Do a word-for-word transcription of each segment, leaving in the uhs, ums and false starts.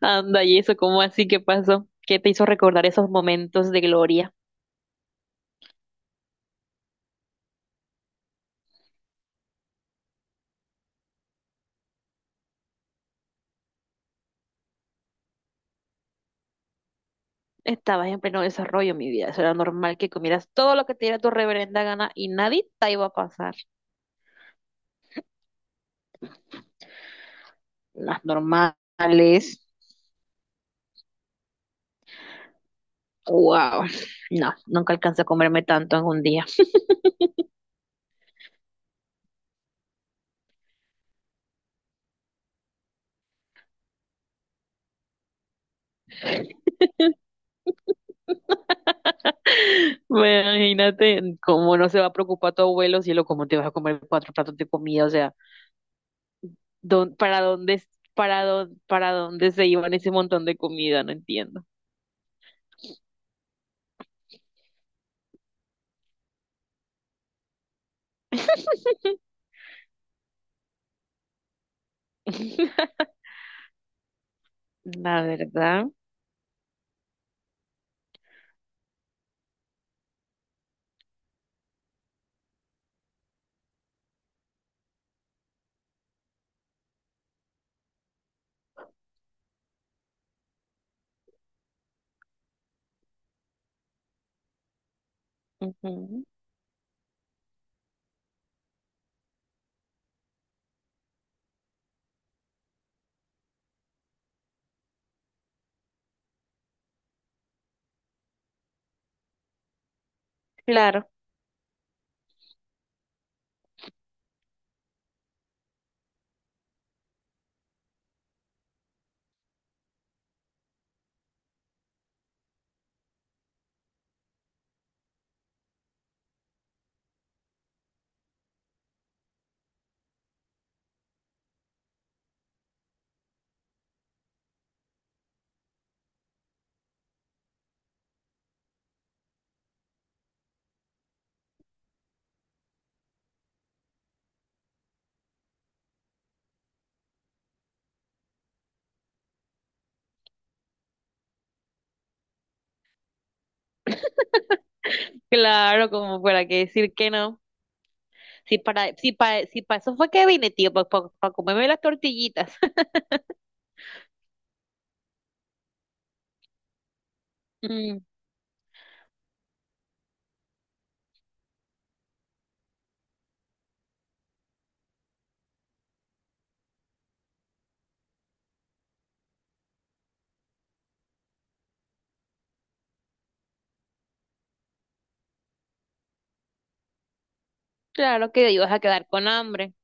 Anda, y eso, ¿cómo así? ¿Qué pasó? ¿Qué te hizo recordar esos momentos de gloria? Estabas en pleno desarrollo, mi vida. Eso era normal que comieras todo lo que te diera tu reverenda gana y nadie te iba a pasar. Las normales. Wow. No, nunca alcancé a comerme tanto en un día. Imagínate cómo no se va a preocupar tu abuelo, cielo, cómo te vas a comer cuatro platos de comida. O sea, don para dónde, para dón- para dónde se iban ese montón de comida, no entiendo. La verdad. Ujú. Claro, claro, como fuera que decir que no. Si para, si para, si para eso fue que vine, tío, para comerme las tortillitas. Mm, claro que ibas a quedar con hambre.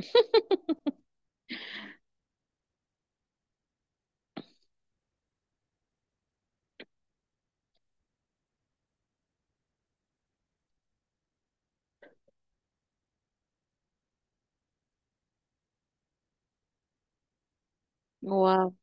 Wow.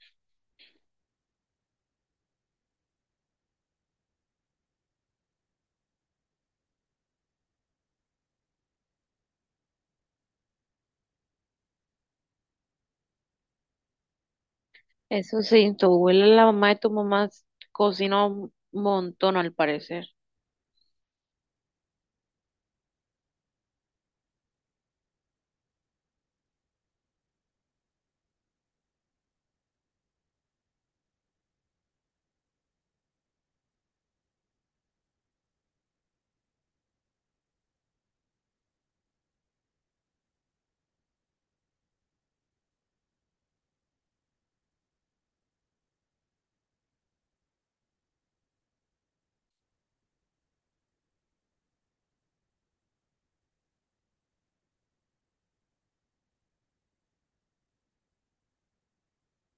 Eso sí, tu abuela, la mamá de tu mamá, cocina un montón al parecer.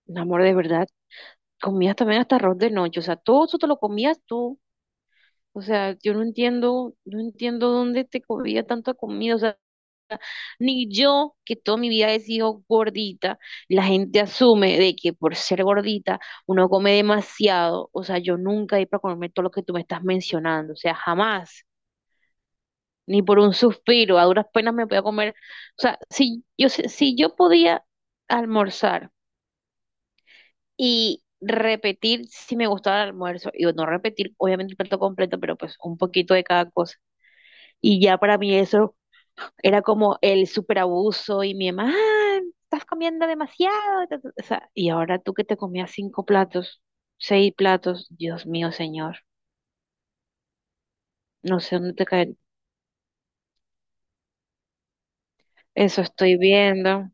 Mi amor, de verdad, comías también hasta arroz de noche, o sea, todo eso te lo comías tú. O sea, yo no entiendo, no entiendo dónde te comía tanta comida. O sea, ni yo, que toda mi vida he sido gordita, la gente asume de que por ser gordita uno come demasiado. O sea, yo nunca he ido para comerme todo lo que tú me estás mencionando. O sea, jamás. Ni por un suspiro, a duras penas me voy a comer. O sea, si yo, sé- si yo podía almorzar y repetir si me gustaba el almuerzo, y no repetir, obviamente el plato completo, pero pues un poquito de cada cosa. Y ya para mí eso era como el superabuso y mi mamá, "Ah, estás comiendo demasiado. Ta, ta, ta". O sea, y ahora tú que te comías cinco platos, seis platos, Dios mío, señor, no sé dónde te cae. Eso estoy viendo.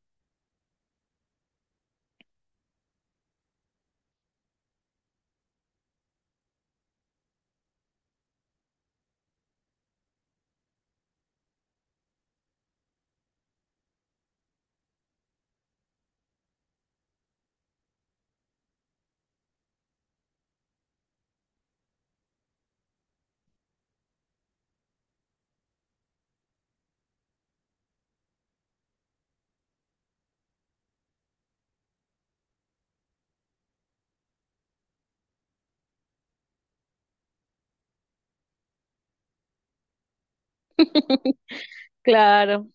Claro.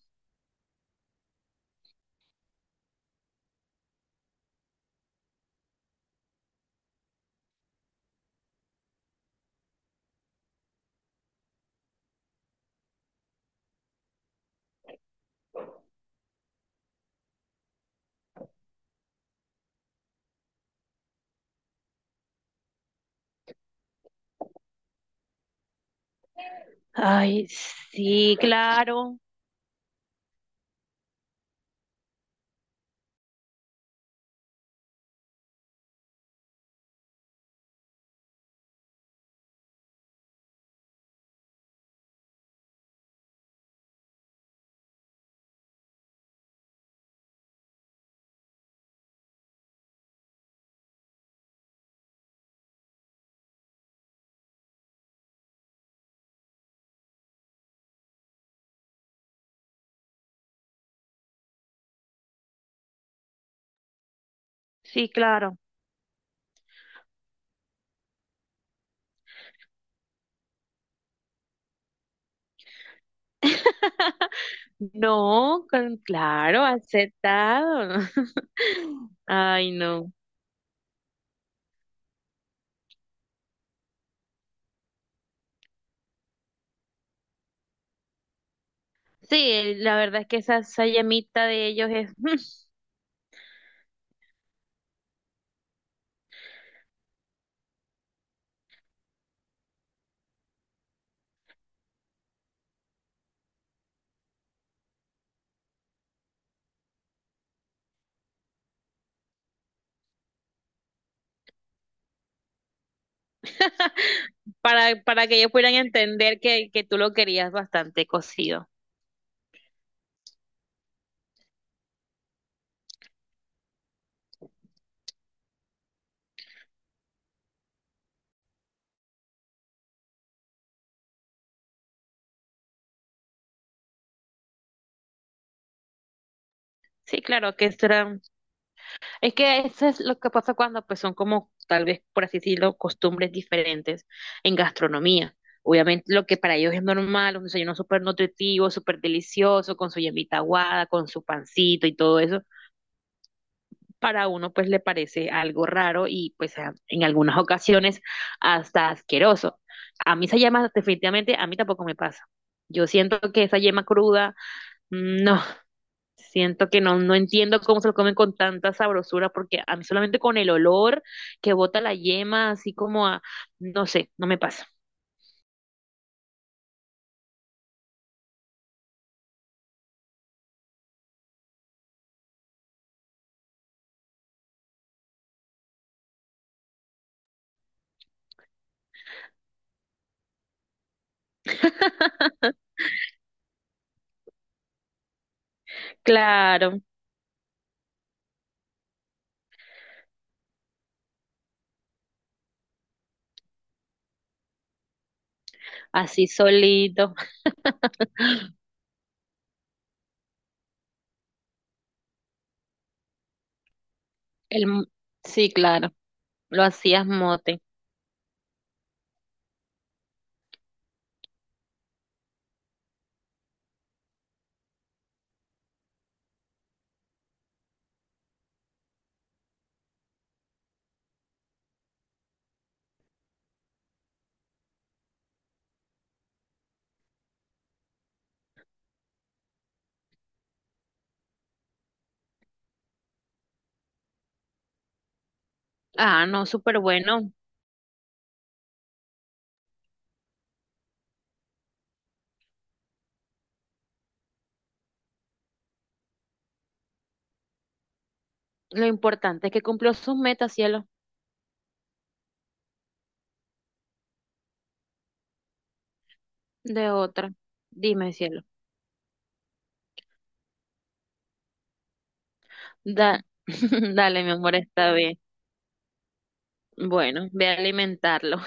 Ay, sí, claro, sí, claro. No, con- claro, aceptado. Ay, no. Sí, la verdad es que esa, esa llamita de ellos es para, para que ellos pudieran entender que, que tú lo querías bastante cocido. Sí, claro, que esto era. Es que eso es lo que pasa cuando pues son como, tal vez, por así decirlo, costumbres diferentes en gastronomía. Obviamente lo que para ellos es normal, un desayuno súper nutritivo, súper delicioso, con su yemita aguada, con su pancito y todo eso, para uno pues le parece algo raro y pues a- en algunas ocasiones hasta asqueroso. A mí esa yema definitivamente, a mí tampoco me pasa. Yo siento que esa yema cruda, mm, no, siento que no, no entiendo cómo se lo comen con tanta sabrosura, porque a mí solamente con el olor que bota la yema, así como a, no sé, no me pasa. Claro, así solito. El, mo- sí, claro, lo hacías mote. Ah, no, súper bueno. Lo importante es que cumplió sus metas, cielo. De otra. Dime, cielo. Da, dale, mi amor, está bien. Bueno, ve a alimentarlo.